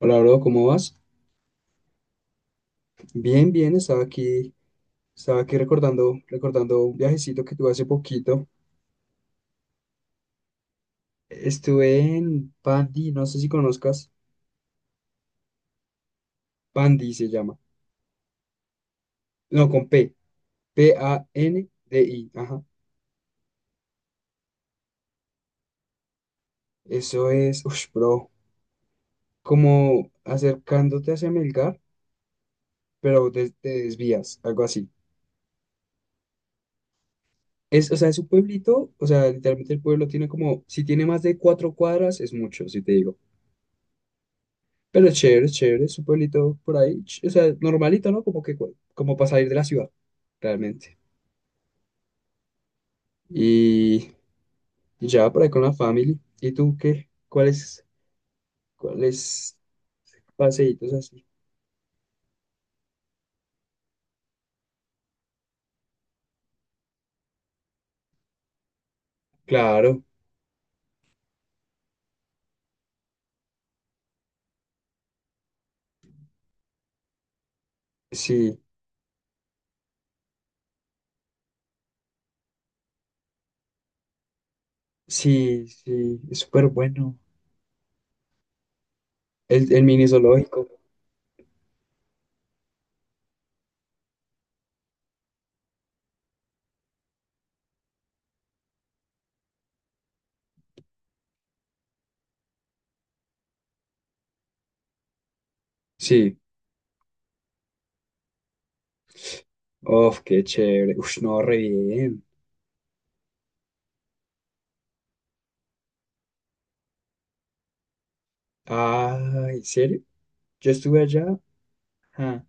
Hola, bro, ¿cómo vas? Bien, bien, estaba aquí recordando un viajecito que tuve hace poquito. Estuve en Pandi, no sé si conozcas, Pandi se llama. No, con P, PANDI, ajá. Eso es, uff, bro, como acercándote hacia Melgar, pero te desvías, algo así. Es, o sea, es un pueblito, o sea, literalmente el pueblo tiene como, si tiene más de cuatro cuadras, es mucho, si te digo. Pero es chévere, es chévere, es un pueblito por ahí, o sea, normalito, ¿no? Como que, como para salir de la ciudad, realmente. Y y ya por ahí con la family. ¿Y tú qué? ¿Cuáles paseitos así? Claro, sí, sí, sí, es súper bueno. El mini zoológico, sí. Uf, qué chévere. Uf, no, re bien. Ah, ¿en serio? Yo estuve allá, ah,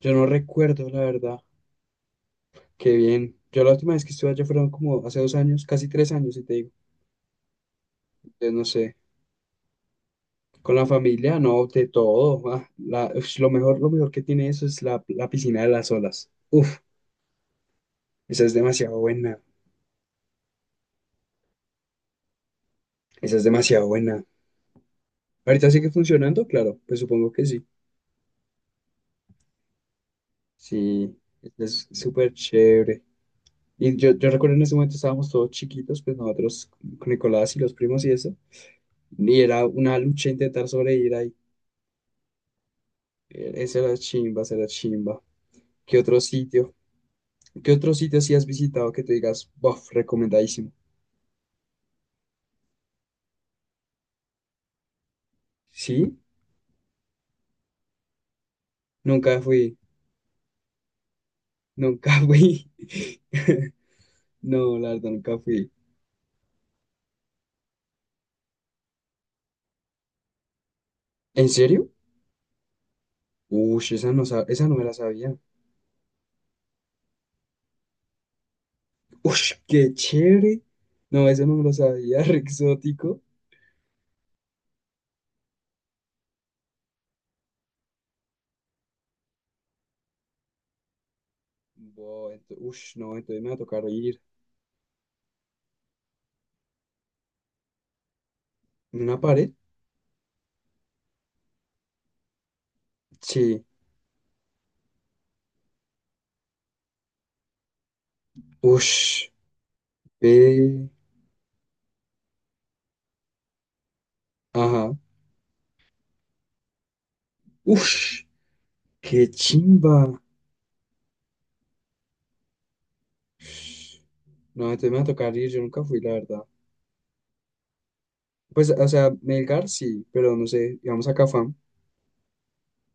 yo no recuerdo, la verdad. Qué bien. Yo la última vez que estuve allá fueron como hace 2 años, casi 3 años, y te digo, entonces, no sé, con la familia, no, de todo. Ah, ush, lo mejor que tiene eso es la piscina de las olas. Uf, esa es demasiado buena, esa es demasiado buena. Ahorita sigue funcionando, claro, pues supongo que sí. Sí, es súper chévere. Y yo recuerdo en ese momento estábamos todos chiquitos, pues nosotros con Nicolás y los primos y eso, y era una lucha intentar sobrevivir ahí. Esa era chimba, esa era chimba. ¿Qué otro sitio? ¿Qué otro sitio sí has visitado que te digas, bof, recomendadísimo? Sí, nunca fui, nunca fui. No, la verdad, nunca fui. ¿En serio? Ush, esa no, esa no me la sabía. Ush, qué chévere. No, eso no me lo sabía, re exótico. Ush, no, entonces me va a tocar ir. ¿En ¿Una pared? Sí. Ush, ve. Ajá. Ush, qué chimba. No, entonces me va a tocar ir, yo nunca fui, la verdad. Pues, o sea, Melgar sí, pero no sé, digamos a Cafam,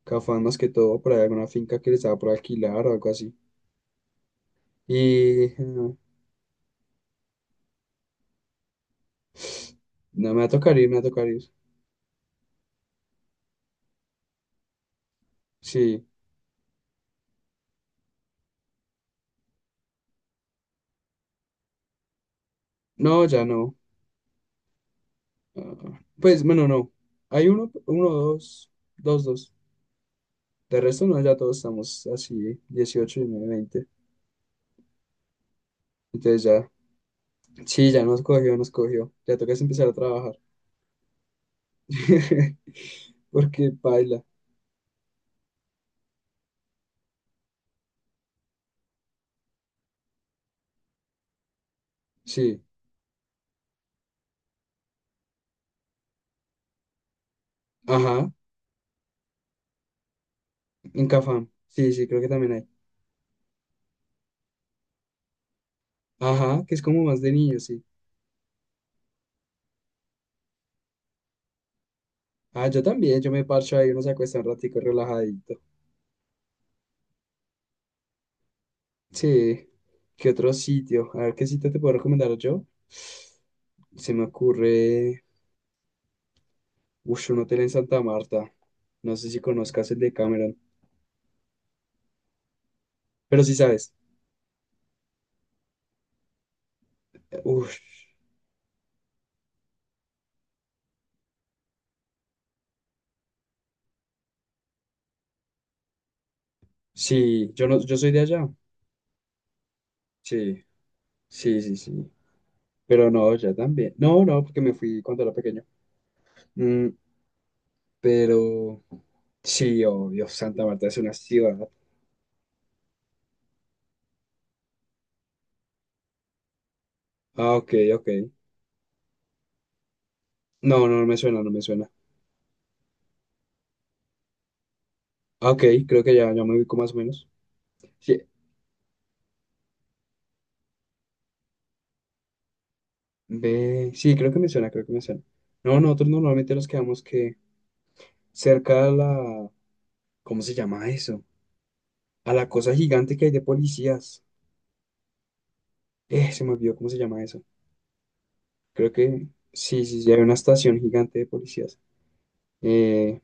Cafam más que todo, por ahí alguna finca que les estaba por alquilar o algo así. Y no, me va a tocar ir, me va a tocar ir. Sí, no, ya no. Ah, pues, bueno, no. Hay uno, uno, dos, dos, dos. De resto, no, ya todos estamos así, 18 19, 20. Entonces ya, sí, ya nos cogió, nos cogió. Ya toca es empezar a trabajar. Porque baila. Sí, ajá, en Cafam. Sí, sí, creo que también hay. Ajá, que es como más de niño, sí. Ah, yo también, yo me parcho ahí, uno se acuesta un ratico relajadito. Sí, ¿qué otro sitio? A ver, ¿qué sitio te puedo recomendar yo? Se me ocurre, uff, un hotel en Santa Marta. No sé si conozcas el de Cameron, pero sí sabes. Uff, sí, yo no, yo soy de allá. Sí, sí, sí, sí. Pero no, ya también. No, no, porque me fui cuando era pequeño. Mm, pero sí, obvio, Santa Marta es una ciudad. Ah, ok, ok. No, no me suena, no me suena. Ah, ok, creo que ya, ya me ubico más o menos. Sí, ve, sí, creo que me suena, creo que me suena. No, nosotros normalmente nos quedamos que cerca a la, ¿cómo se llama eso? A la cosa gigante que hay de policías. Se me olvidó cómo se llama eso. Creo que sí, sí, sí, hay una estación gigante de policías. Eh,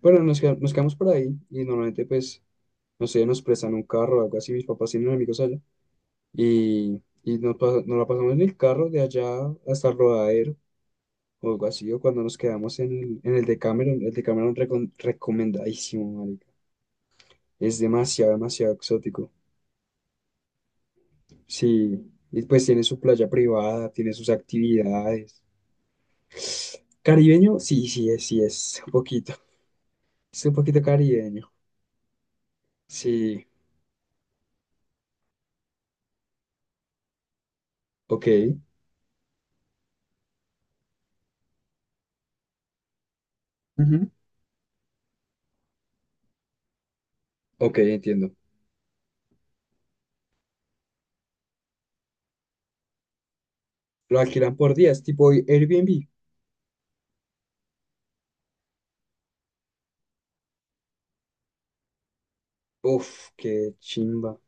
bueno, nos, nos quedamos por ahí y normalmente pues, no sé, nos prestan un carro o algo así, mis papás tienen amigos allá y nos, nos la pasamos en el carro de allá hasta el rodadero o algo así, o cuando nos quedamos en el Decameron recomendadísimo, marica. Es demasiado, demasiado exótico. Sí, y pues tiene su playa privada, tiene sus actividades. Caribeño, sí, sí, es un poquito. Es un poquito caribeño. Sí, ok, ujú. Ok, entiendo. Lo alquilan por días, tipo Airbnb. Uf, qué chimba.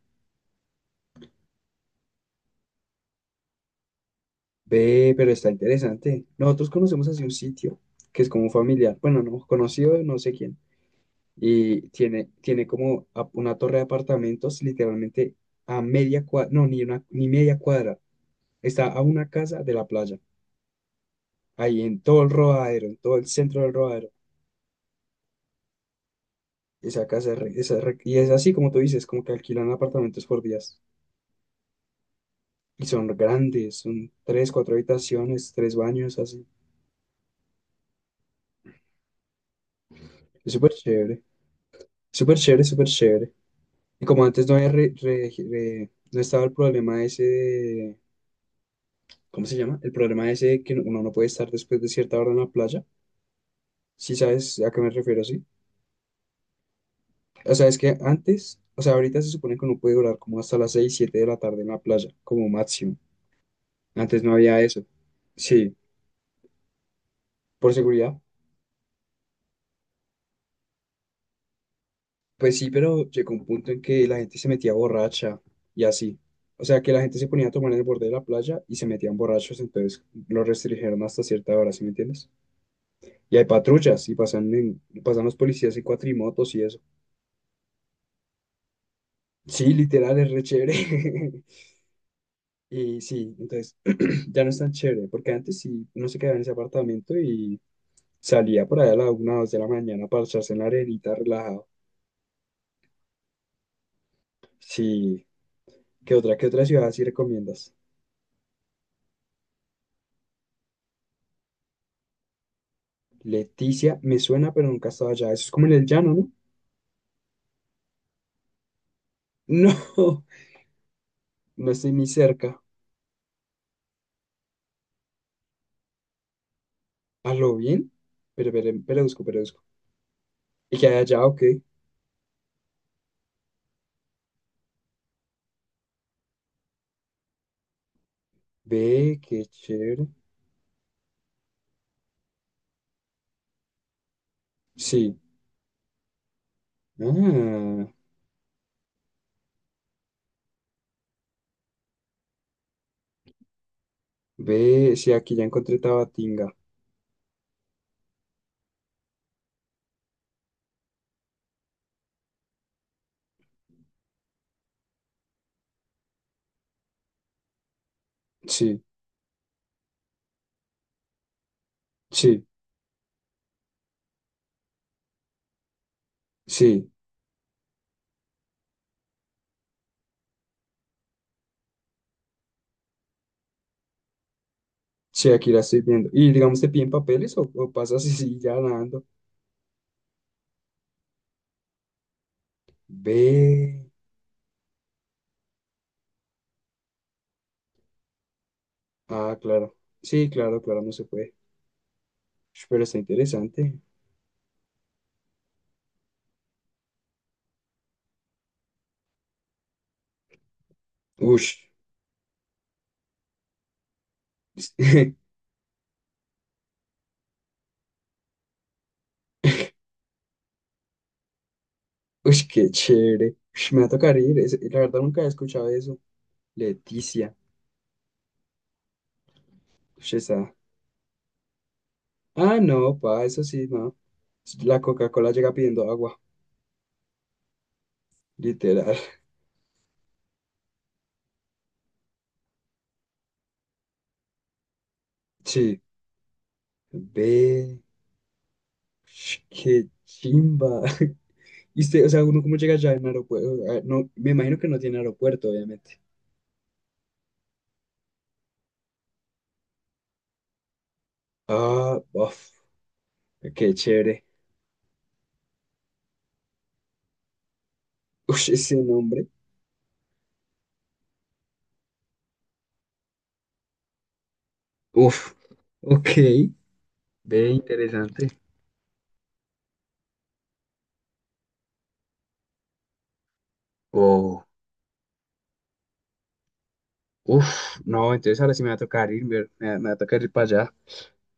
Ve, pero está interesante. Nosotros conocemos así un sitio que es como familiar. Bueno, no, conocido, de no sé quién. Y tiene como una torre de apartamentos literalmente a media cuadra, no, ni una, ni media cuadra. Está a una casa de la playa, ahí en todo el Rodadero, en todo el centro del Rodadero. Esa casa es, esa es y es así como tú dices, como que alquilan apartamentos por días. Y son grandes, son tres, cuatro habitaciones, tres baños, así. Es súper chévere, súper chévere, súper chévere. Y como antes no había no estaba el problema ese, ¿cómo se llama? El problema ese de que uno no puede estar después de cierta hora en la playa. Si sabes a qué me refiero, sí. O sea, es que antes, o sea, ahorita se supone que uno puede durar como hasta las 6, 7 de la tarde en la playa, como máximo. Antes no había eso. Sí, por seguridad. Pues sí, pero llegó un punto en que la gente se metía borracha y así. O sea, que la gente se ponía a tomar en el borde de la playa y se metían borrachos, entonces lo restringieron hasta cierta hora, ¿sí me entiendes? Y hay patrullas y pasan, pasan los policías en cuatrimotos y eso. Sí, literal, es re chévere. Y sí, entonces ya no es tan chévere, porque antes sí uno se quedaba en ese apartamento y salía por allá a la una o dos de la mañana para echarse en la arenita relajado. Sí, qué otra ciudad sí recomiendas? Leticia, me suena, pero nunca he estado allá. Eso es como en el llano, ¿no? No, no estoy ni cerca. ¿A lo bien? Pero busco, pero busco. ¿Y qué hay allá o qué? Ve, qué chévere. Sí. Ah, ve, sí, aquí ya encontré Tabatinga. Sí. Sí, sí, sí, aquí la estoy viendo. Y digamos, ¿te piden papeles o pasas y sigues ya nadando? Ve. Ah, claro. Sí, claro, claro, no se puede. Ush, pero está interesante. Ush. Ush, qué chévere. Ush, me va a tocar ir. La verdad nunca he escuchado eso. Leticia. Ush, esa. Ah, no, pa, eso sí, no. La Coca-Cola llega pidiendo agua. Literal. Sí. Ve. Ush, qué chimba. Y usted, o sea, uno cómo llega allá en aeropuerto. No, me imagino que no tiene aeropuerto, obviamente. Ah, uf, qué chévere. Uf, ese nombre. Uf, ok. Ve, interesante. Oh, uf, no, entonces ahora sí me va a tocar ir, me, me va a tocar ir para allá.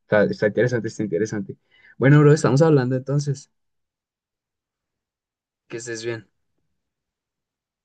Está, está interesante, está interesante. Bueno, bro, estamos hablando entonces. Que estés bien.